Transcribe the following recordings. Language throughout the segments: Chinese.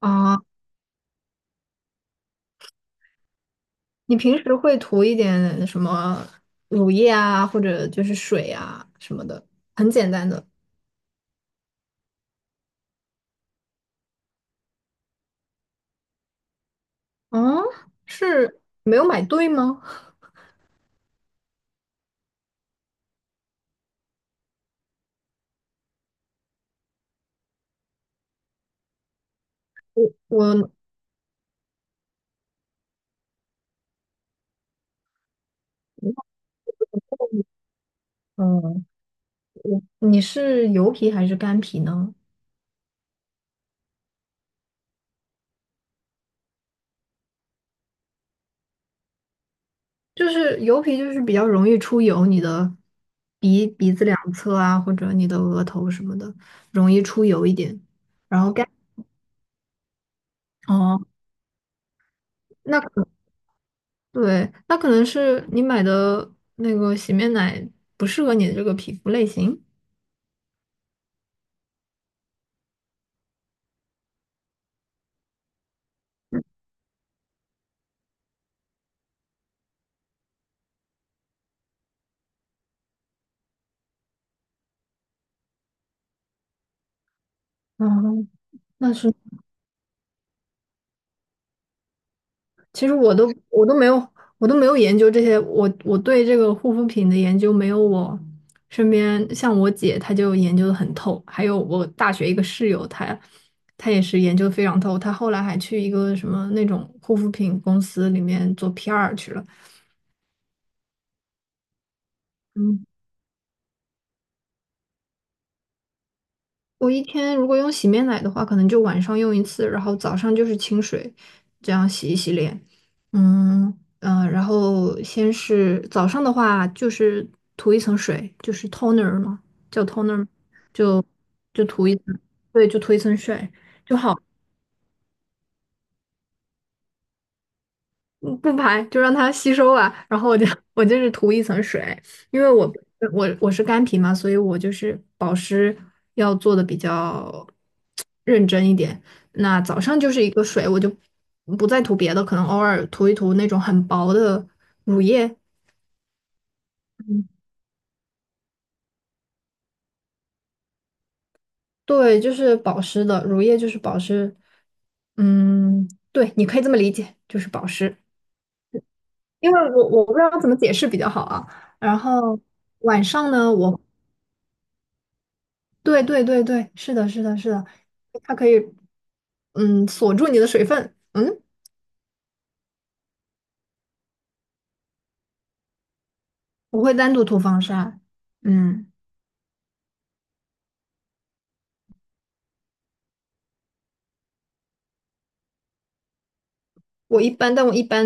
啊，你平时会涂一点什么乳液啊，或者就是水啊什么的，很简单的。嗯，是没有买对吗？我，嗯，我，你是油皮还是干皮呢？就是油皮就是比较容易出油，你的鼻子两侧啊，或者你的额头什么的，容易出油一点。然后干，哦，那可对，那可能是你买的那个洗面奶不适合你的这个皮肤类型。嗯，那是，其实我都没有，我都没有研究这些，我对这个护肤品的研究没有，我身边像我姐，她就研究的很透，还有我大学一个室友，她也是研究得非常透，她后来还去一个什么那种护肤品公司里面做 PR 去了。嗯，我一天如果用洗面奶的话，可能就晚上用一次，然后早上就是清水，这样洗一洗脸。嗯嗯、然后先是早上的话，就是涂一层水，就是 toner 嘛，叫 toner，就就涂一层，对，就涂一层水。就好。嗯，不排，就让它吸收啊。然后我就 我就是涂一层水，因为我是干皮嘛，所以我就是保湿要做的比较认真一点。那早上就是一个水，我就不再涂别的，可能偶尔涂一涂那种很薄的乳液。嗯，对，就是保湿的，乳液就是保湿。嗯，对，你可以这么理解，就是保湿。因为我不知道怎么解释比较好啊。然后晚上呢，对对对对，是的，是的，是的，它可以嗯锁住你的水分。嗯，我会单独涂防晒。嗯，我一般，但我一般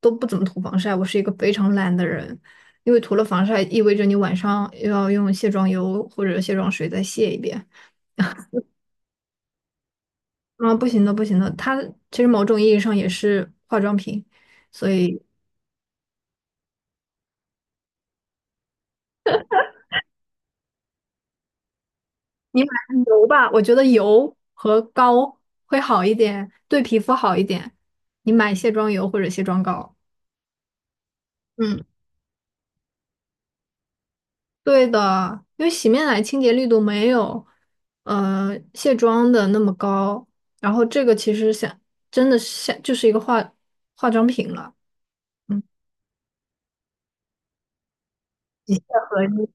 都不怎么涂防晒，我是一个非常懒的人，因为涂了防晒意味着你晚上又要用卸妆油或者卸妆水再卸一遍。啊，不行的，不行的，它其实某种意义上也是化妆品，所以你买油吧，我觉得油和膏会好一点，对皮肤好一点。你买卸妆油或者卸妆膏。嗯，对的，因为洗面奶清洁力度没有，卸妆的那么高。然后这个其实想，真的是像就是一个化妆品了。嗯，一卸合一。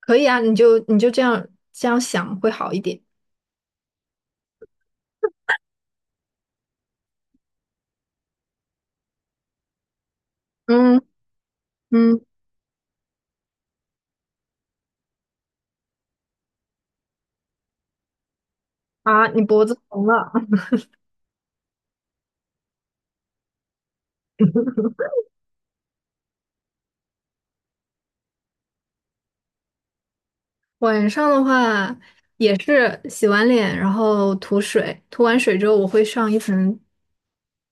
可以啊，你就这样想会好一点。嗯嗯，啊。你脖子疼了，晚上的话也是洗完脸，然后涂水，涂完水之后我会上一层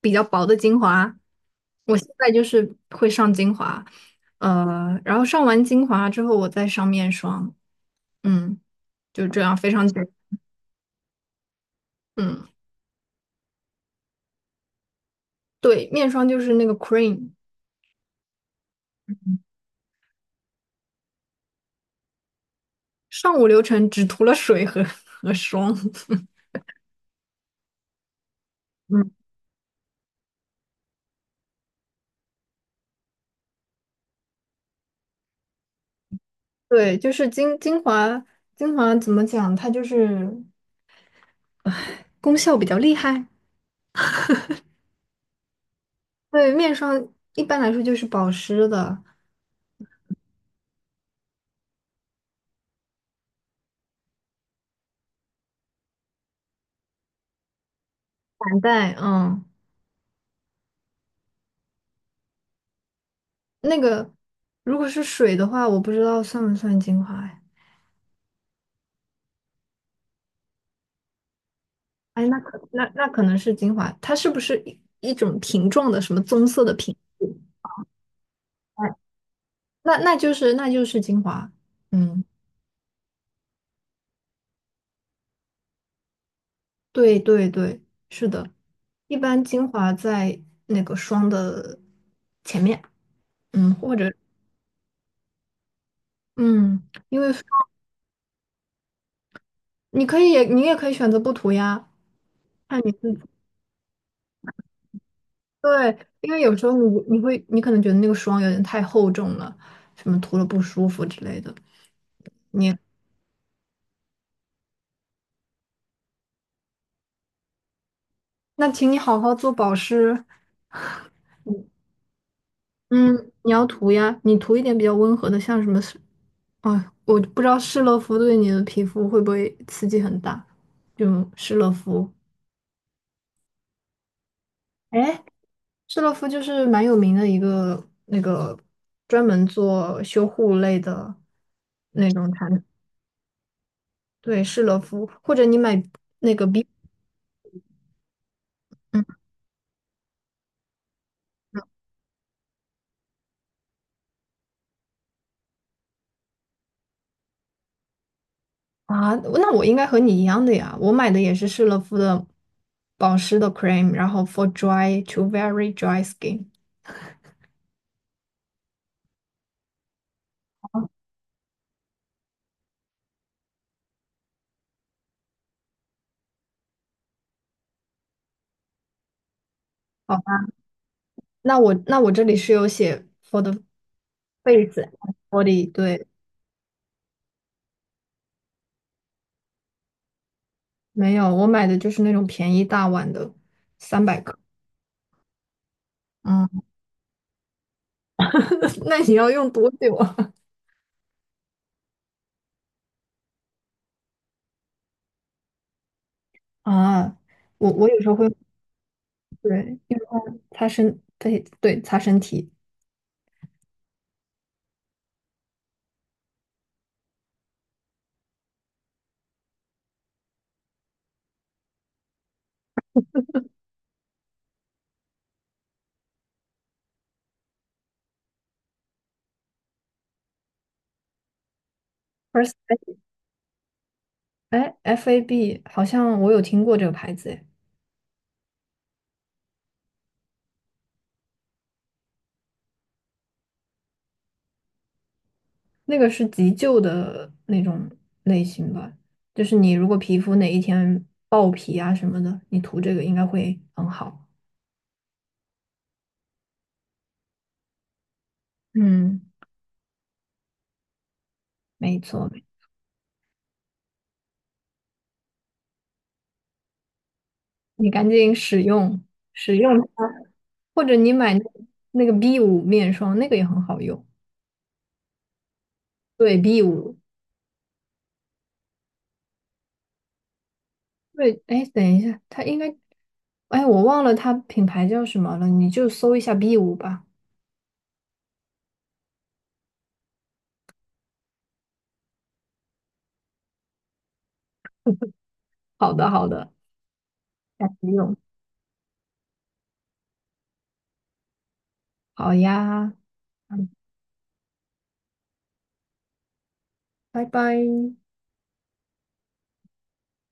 比较薄的精华。我现在就是会上精华，然后上完精华之后我再上面霜，嗯，就这样非常简，嗯，对，面霜就是那个 cream，上午流程只涂了水和 和霜。嗯，对，就是精华，精华怎么讲？它就是功效比较厉害，对，面霜一般来说就是保湿的。散带，嗯，那个如果是水的话，我不知道算不算精华哎。哎，那可能是精华，它是不是一种瓶状的什么棕色的瓶子？哎，那那就是那就是精华，嗯，对对对，是的，一般精华在那个霜的前面，嗯，或者嗯，因为霜你也可以选择不涂呀，看你自己。对，因为有时候你可能觉得那个霜有点太厚重了，什么涂了不舒服之类的。你那请你好好做保湿，嗯，你要涂呀，你涂一点比较温和的，像什么是，哎我不知道施乐肤对你的皮肤会不会刺激很大，就施乐肤。哎，施乐肤就是蛮有名的一个那个专门做修护类的那种产品，对，施乐肤，或者你买那个 B。啊，那我应该和你一样的呀，我买的也是施乐肤的保湿的 cream，然后 for dry to very dry skin。好吧，那我这里是有写 for the face a n body，对，没有，我买的就是那种便宜大碗的，300克。嗯，那你要用多久啊？啊，我有时候会对用它擦身，对对擦身体。First，哎，FAB 好像我有听过这个牌子，哎。那个是急救的那种类型吧，就是你如果皮肤哪一天爆皮啊什么的，你涂这个应该会很好。嗯，没错，你赶紧使用它，或者你买那那个 B 五面霜，那个也很好用。对 B 五，对，哎，等一下，它应该，哎，我忘了它品牌叫什么了，你就搜一下 B 五吧。好的，好的，下次用。好呀，嗯，拜拜。